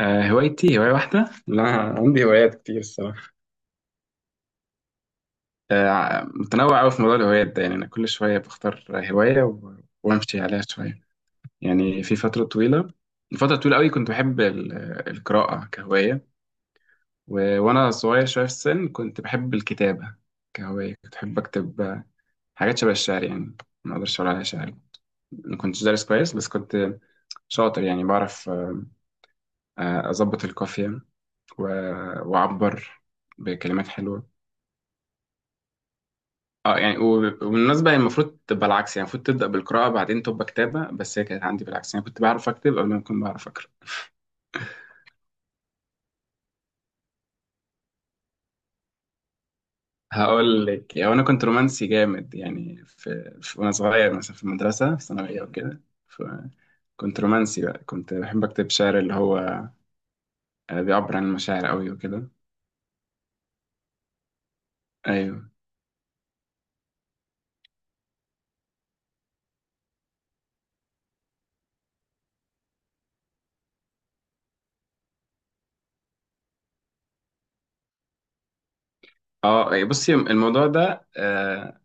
هوايتي هواية واحدة لا، عندي هوايات كتير الصراحة. متنوع أوي في موضوع الهوايات ده، يعني أنا كل شوية بختار هواية وأمشي عليها شوية. يعني في فترة طويلة أوي كنت بحب القراءة كهواية. وأنا صغير شوية في السن كنت بحب الكتابة كهواية، كنت بحب أكتب حاجات شبه الشعر، يعني ما أقدرش أقول عليها شعر، ما كنتش دارس كويس بس كنت شاطر، يعني بعرف أظبط القافية وأعبر بكلمات حلوة. اه يعني وبالمناسبة هي المفروض تبقى العكس، يعني المفروض تبدأ بالقراءة بعدين تبقى كتابة، بس هي كانت عندي بالعكس، يعني كنت بعرف أكتب قبل ما كنت بعرف أقرأ. هقول لك، يعني أنا كنت رومانسي جامد، يعني في, في وأنا صغير مثلا في المدرسة في ثانوية وكده. فكنت رومانسي بقى، كنت بحب أكتب شعر اللي هو بيعبر عن المشاعر قوي وكده. أيوه. اه إيه، بصي الموضوع ده آه،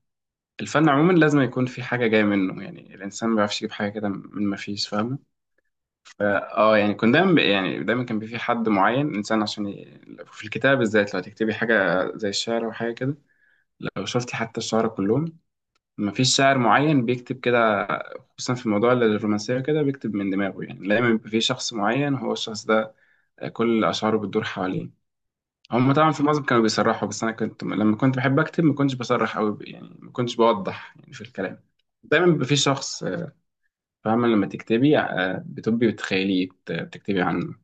الفن عموما لازم يكون في حاجة جاية منه، يعني الإنسان ما بيعرفش يجيب حاجة كده من ما فيش، فاهمة. اه يعني كنت دايما، يعني دايما كان في حد معين، انسان، عشان ي... في الكتاب بالذات لو هتكتبي حاجه زي الشعر او حاجه كده، لو شفتي حتى الشعراء كلهم مفيش شاعر معين بيكتب كده خصوصا في موضوع الرومانسيه، كده بيكتب من دماغه، يعني دايما بيبقى في شخص معين هو الشخص ده كل اشعاره بتدور حواليه. هم طبعا في معظم كانوا بيصرحوا، بس انا كنت لما كنت بحب اكتب ما كنتش بصرح قوي، يعني ما كنتش بوضح يعني في الكلام. دايما بيبقى في شخص فاهمه، لما تكتبي بتبقي بتخيليه، بتكتبي عنه.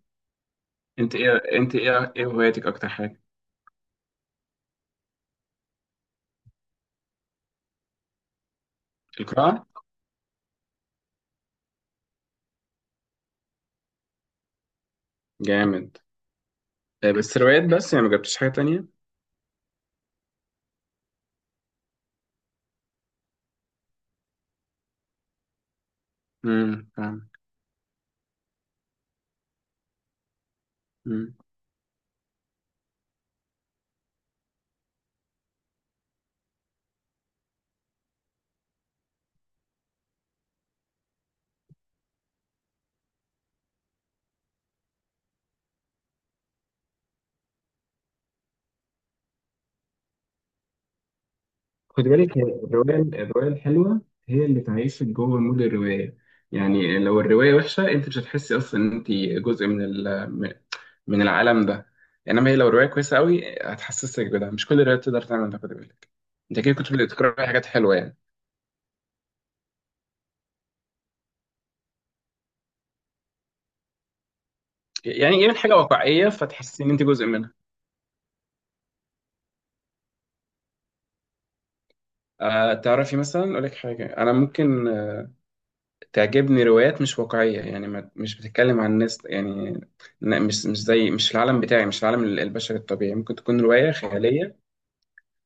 انت ايه، انت ايه، ايه هواياتك اكتر حاجه؟ القراءه. جامد. بس روايات بس، يعني ما جبتش حاجه تانية. امم، فاهم. امم. خد بالك، هي الرواية الحلوة هي اللي تعيشك جوه مود الرواية. يعني لو الرواية وحشة انت مش هتحسي اصلا ان انت جزء من ال- من من العالم ده، انما هي لو الرواية كويسة قوي هتحسسك بده، مش كل الروايات تقدر تعمل ده، خد بالك. انت كده كنت بتقرأي حاجات حلوة يعني. يعني ايه؟ من حاجة واقعية فتحسي ان انت جزء منها. أه تعرفي، مثلا اقول لك حاجة، انا ممكن تعجبني روايات مش واقعية، يعني ما مش بتتكلم عن ناس، يعني مش زي، مش في العالم بتاعي، مش في العالم البشري الطبيعي، ممكن تكون رواية خيالية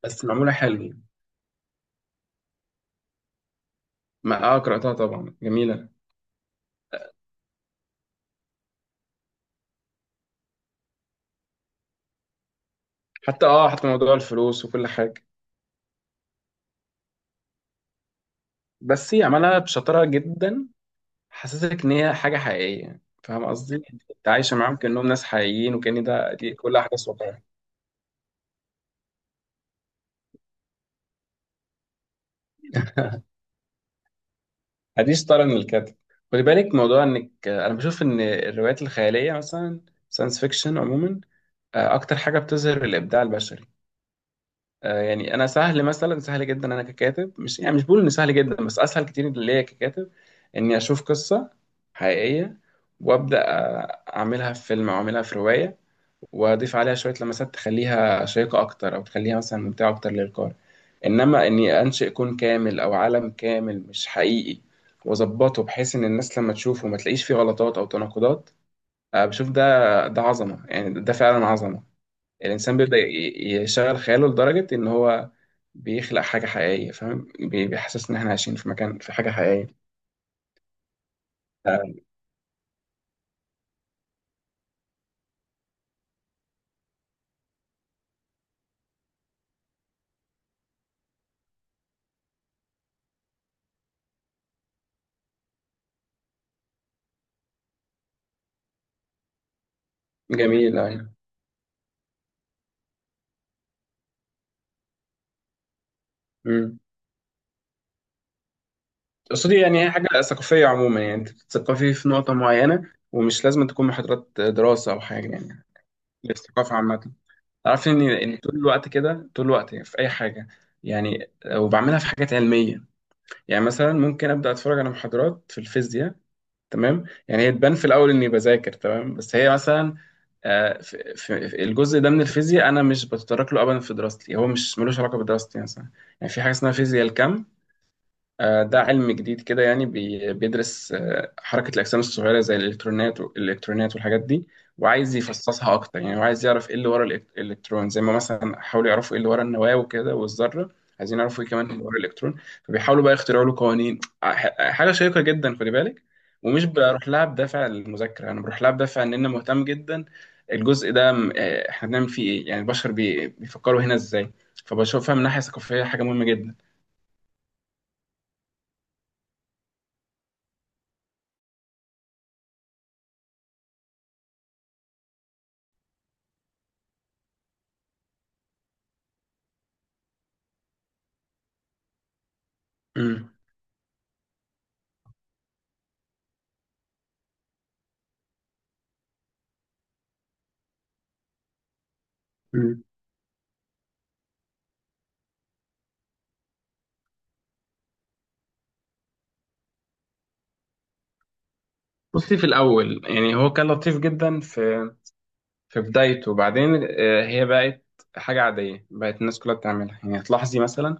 بس معمولة حلو. ما اه قرأتها طبعا، جميلة. حتى اه حتى موضوع الفلوس وكل حاجة. بس هي عملها بشطارة جدا، حسسك ان هي حاجة حقيقية، فاهم قصدي؟ انت عايشة معاهم كأنهم ناس حقيقيين، وكأن ده دي كل أحداث واقعية. دي شطارة من الكاتب. خلي بالك، موضوع انك انا بشوف ان الروايات الخيالية مثلا ساينس فيكشن عموما اكتر حاجه بتظهر الابداع البشري. يعني انا سهل، مثلا سهل جدا انا ككاتب، مش يعني مش بقول ان سهل جدا، بس اسهل كتير ليا ككاتب اني اشوف قصه حقيقيه، وابدا اعملها في فيلم او اعملها في روايه، واضيف عليها شويه لمسات تخليها شيقه اكتر او تخليها مثلا ممتعه اكتر للقارئ. انما اني انشئ كون كامل او عالم كامل مش حقيقي، واظبطه بحيث ان الناس لما تشوفه ما تلاقيش فيه غلطات او تناقضات، بشوف ده ده عظمه، يعني ده فعلا عظمه. الإنسان بيبدأ يشغل خياله لدرجة إن هو بيخلق حاجة حقيقية، فاهم، بيحسسنا إن إحنا عايشين في مكان في حاجة حقيقية. جميل يعني. امم. قصدي يعني هي حاجة ثقافية عموما، يعني أنت بتثقفي في نقطة معينة، ومش لازم تكون محاضرات دراسة أو حاجة يعني. الثقافة عامة، تعرف إن طول الوقت كده، طول الوقت في أي حاجة يعني. وبعملها في حاجات علمية، يعني مثلا ممكن أبدأ أتفرج على محاضرات في الفيزياء. تمام، يعني هي تبان في الاول اني بذاكر، تمام، بس هي مثلا في في الجزء ده من الفيزياء انا مش بتطرق له ابدا في دراستي، هو مش ملوش علاقه بدراستي مثلا. يعني في حاجه اسمها فيزياء الكم، ده علم جديد كده، يعني بيدرس حركة الأجسام الصغيرة زي الإلكترونات والحاجات دي، وعايز يفصصها أكتر، يعني وعايز يعرف إيه اللي ورا الإلكترون، زي ما مثلا حاولوا يعرفوا إيه اللي ورا النواة وكده والذرة، عايزين يعرفوا إيه كمان اللي ورا الإلكترون، فبيحاولوا بقى يخترعوا له قوانين. حاجة شيقة جدا، خدي بالك. ومش بروح لها بدافع المذاكرة، أنا بروح لها بدافع إن أنا مهتم جدا. الجزء ده إحنا بنعمل فيه إيه، يعني البشر بيفكروا هنا إزاي. فبشوفها من ناحية ثقافية حاجة مهمة جدا. مم. بصي، في الأول يعني هو كان لطيف جدا في بدايته، وبعدين هي بقت حاجة عادية، بقت الناس كلها بتعملها. يعني هتلاحظي مثلا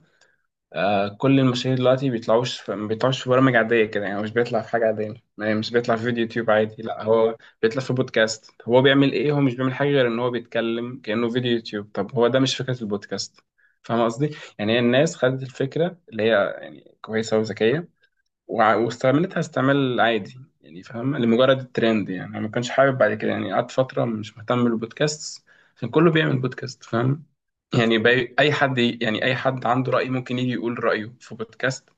كل المشاهير دلوقتي بيطلعوش في ما بيطلعوش في برامج عادية كده، يعني مش بيطلع في حاجة عادية، يعني مش بيطلع في فيديو يوتيوب عادي، لا هو بيطلع في بودكاست. هو بيعمل إيه؟ هو مش بيعمل حاجة غير إن هو بيتكلم كأنه فيديو يوتيوب. طب هو ده مش فكرة البودكاست، فاهم قصدي؟ يعني هي الناس خدت الفكرة اللي هي يعني كويسة وذكية، واستعملتها استعمال عادي يعني، فاهم، لمجرد الترند يعني. انا ما كانش حابب بعد كده، يعني قعدت فتره مش مهتم بالبودكاست، عشان كله بيعمل بودكاست، فاهم؟ يعني باي اي حد يعني اي حد عنده راي ممكن يجي يقول رايه في بودكاست،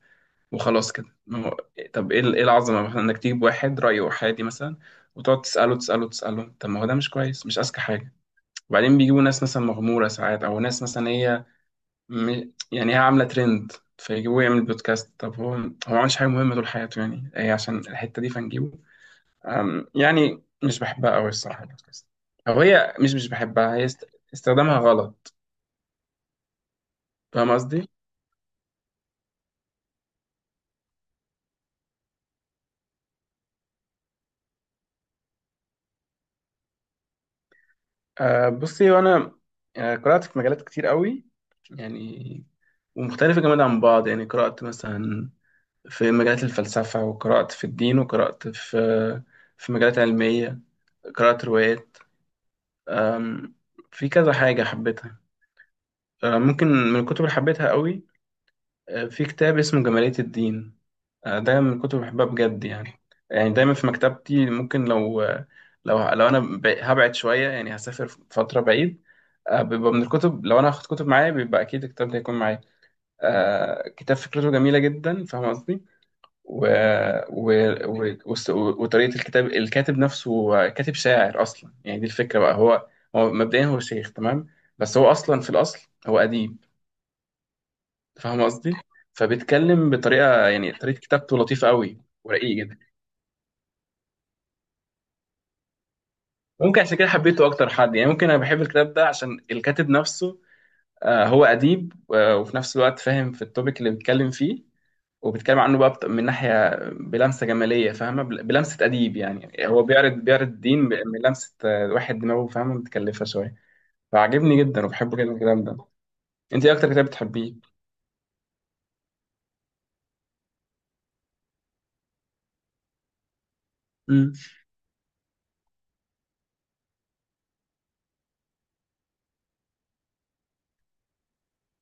وخلاص كده، ما هو- طب ايه ايه العظمه مثلا انك تجيب واحد رايه احادي مثلا، وتقعد تساله تساله تساله. طب ما هو ده مش كويس، مش اذكى حاجه. وبعدين بيجيبوا ناس مثلا مغموره ساعات، او ناس مثلا هي يعني هي عامله ترند، فيجيبوه يعمل بودكاست. طب هو ما عملش حاجه مهمه طول حياته، يعني هي عشان الحته دي فنجيبه. يعني مش بحبها قوي الصراحه البودكاست، او هي مش بحبها، هي استخدامها غلط، فاهم قصدي؟ أه بصي، وانا قرات في مجالات كتير قوي يعني، ومختلفه جامد عن بعض. يعني قرات مثلا في مجالات الفلسفه، وقرات في الدين، وقرات في مجالات علميه، قرات روايات. أم، في كذا حاجه حبيتها. ممكن من الكتب اللي حبيتها قوي في كتاب اسمه جمالية الدين. ده من الكتب اللي بحبها بجد يعني. يعني دايما في مكتبتي، ممكن لو لو انا هبعد شوية، يعني هسافر فترة بعيد، بيبقى من الكتب، لو انا هاخد كتب معايا بيبقى اكيد الكتاب ده هيكون معايا. كتاب فكرته جميلة جدا، فاهم قصدي. و... و... وطريقة الكتاب، الكاتب نفسه كاتب شاعر أصلا، يعني دي الفكرة بقى. هو مبدئيا هو شيخ، تمام، بس هو أصلا في الأصل هو أديب، فاهم قصدي. فبيتكلم بطريقه، يعني طريقه كتابته لطيفه قوي ورقيقه جدا. ممكن عشان كده حبيته اكتر حد، يعني ممكن انا بحب الكتاب ده عشان الكاتب نفسه هو اديب وفي نفس الوقت فاهم في التوبيك اللي بيتكلم فيه، وبيتكلم عنه بقى من ناحيه بلمسه جماليه فاهمه بلمسه اديب، يعني هو بيعرض الدين بلمسه واحد دماغه فاهمه متكلفه شويه، فعجبني جدا وبحب جدا الكلام ده. انت ايه اكتر كتاب بتحبيه؟ امم.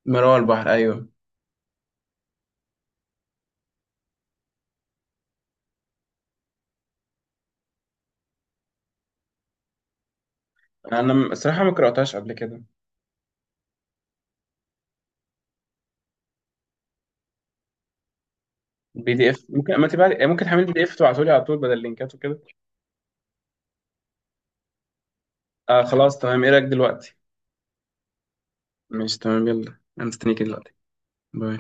مرار البحر، ايوه. انا الصراحه ما قراتهاش قبل كده. PDF، ممكن ما تبعت، يعني ممكن تحمل PDF تبعته لي على طول بدل اللينكات وكده. آه خلاص تمام، ايه رايك دلوقتي؟ ماشي تمام، يلا انا مستنيك دلوقتي. باي.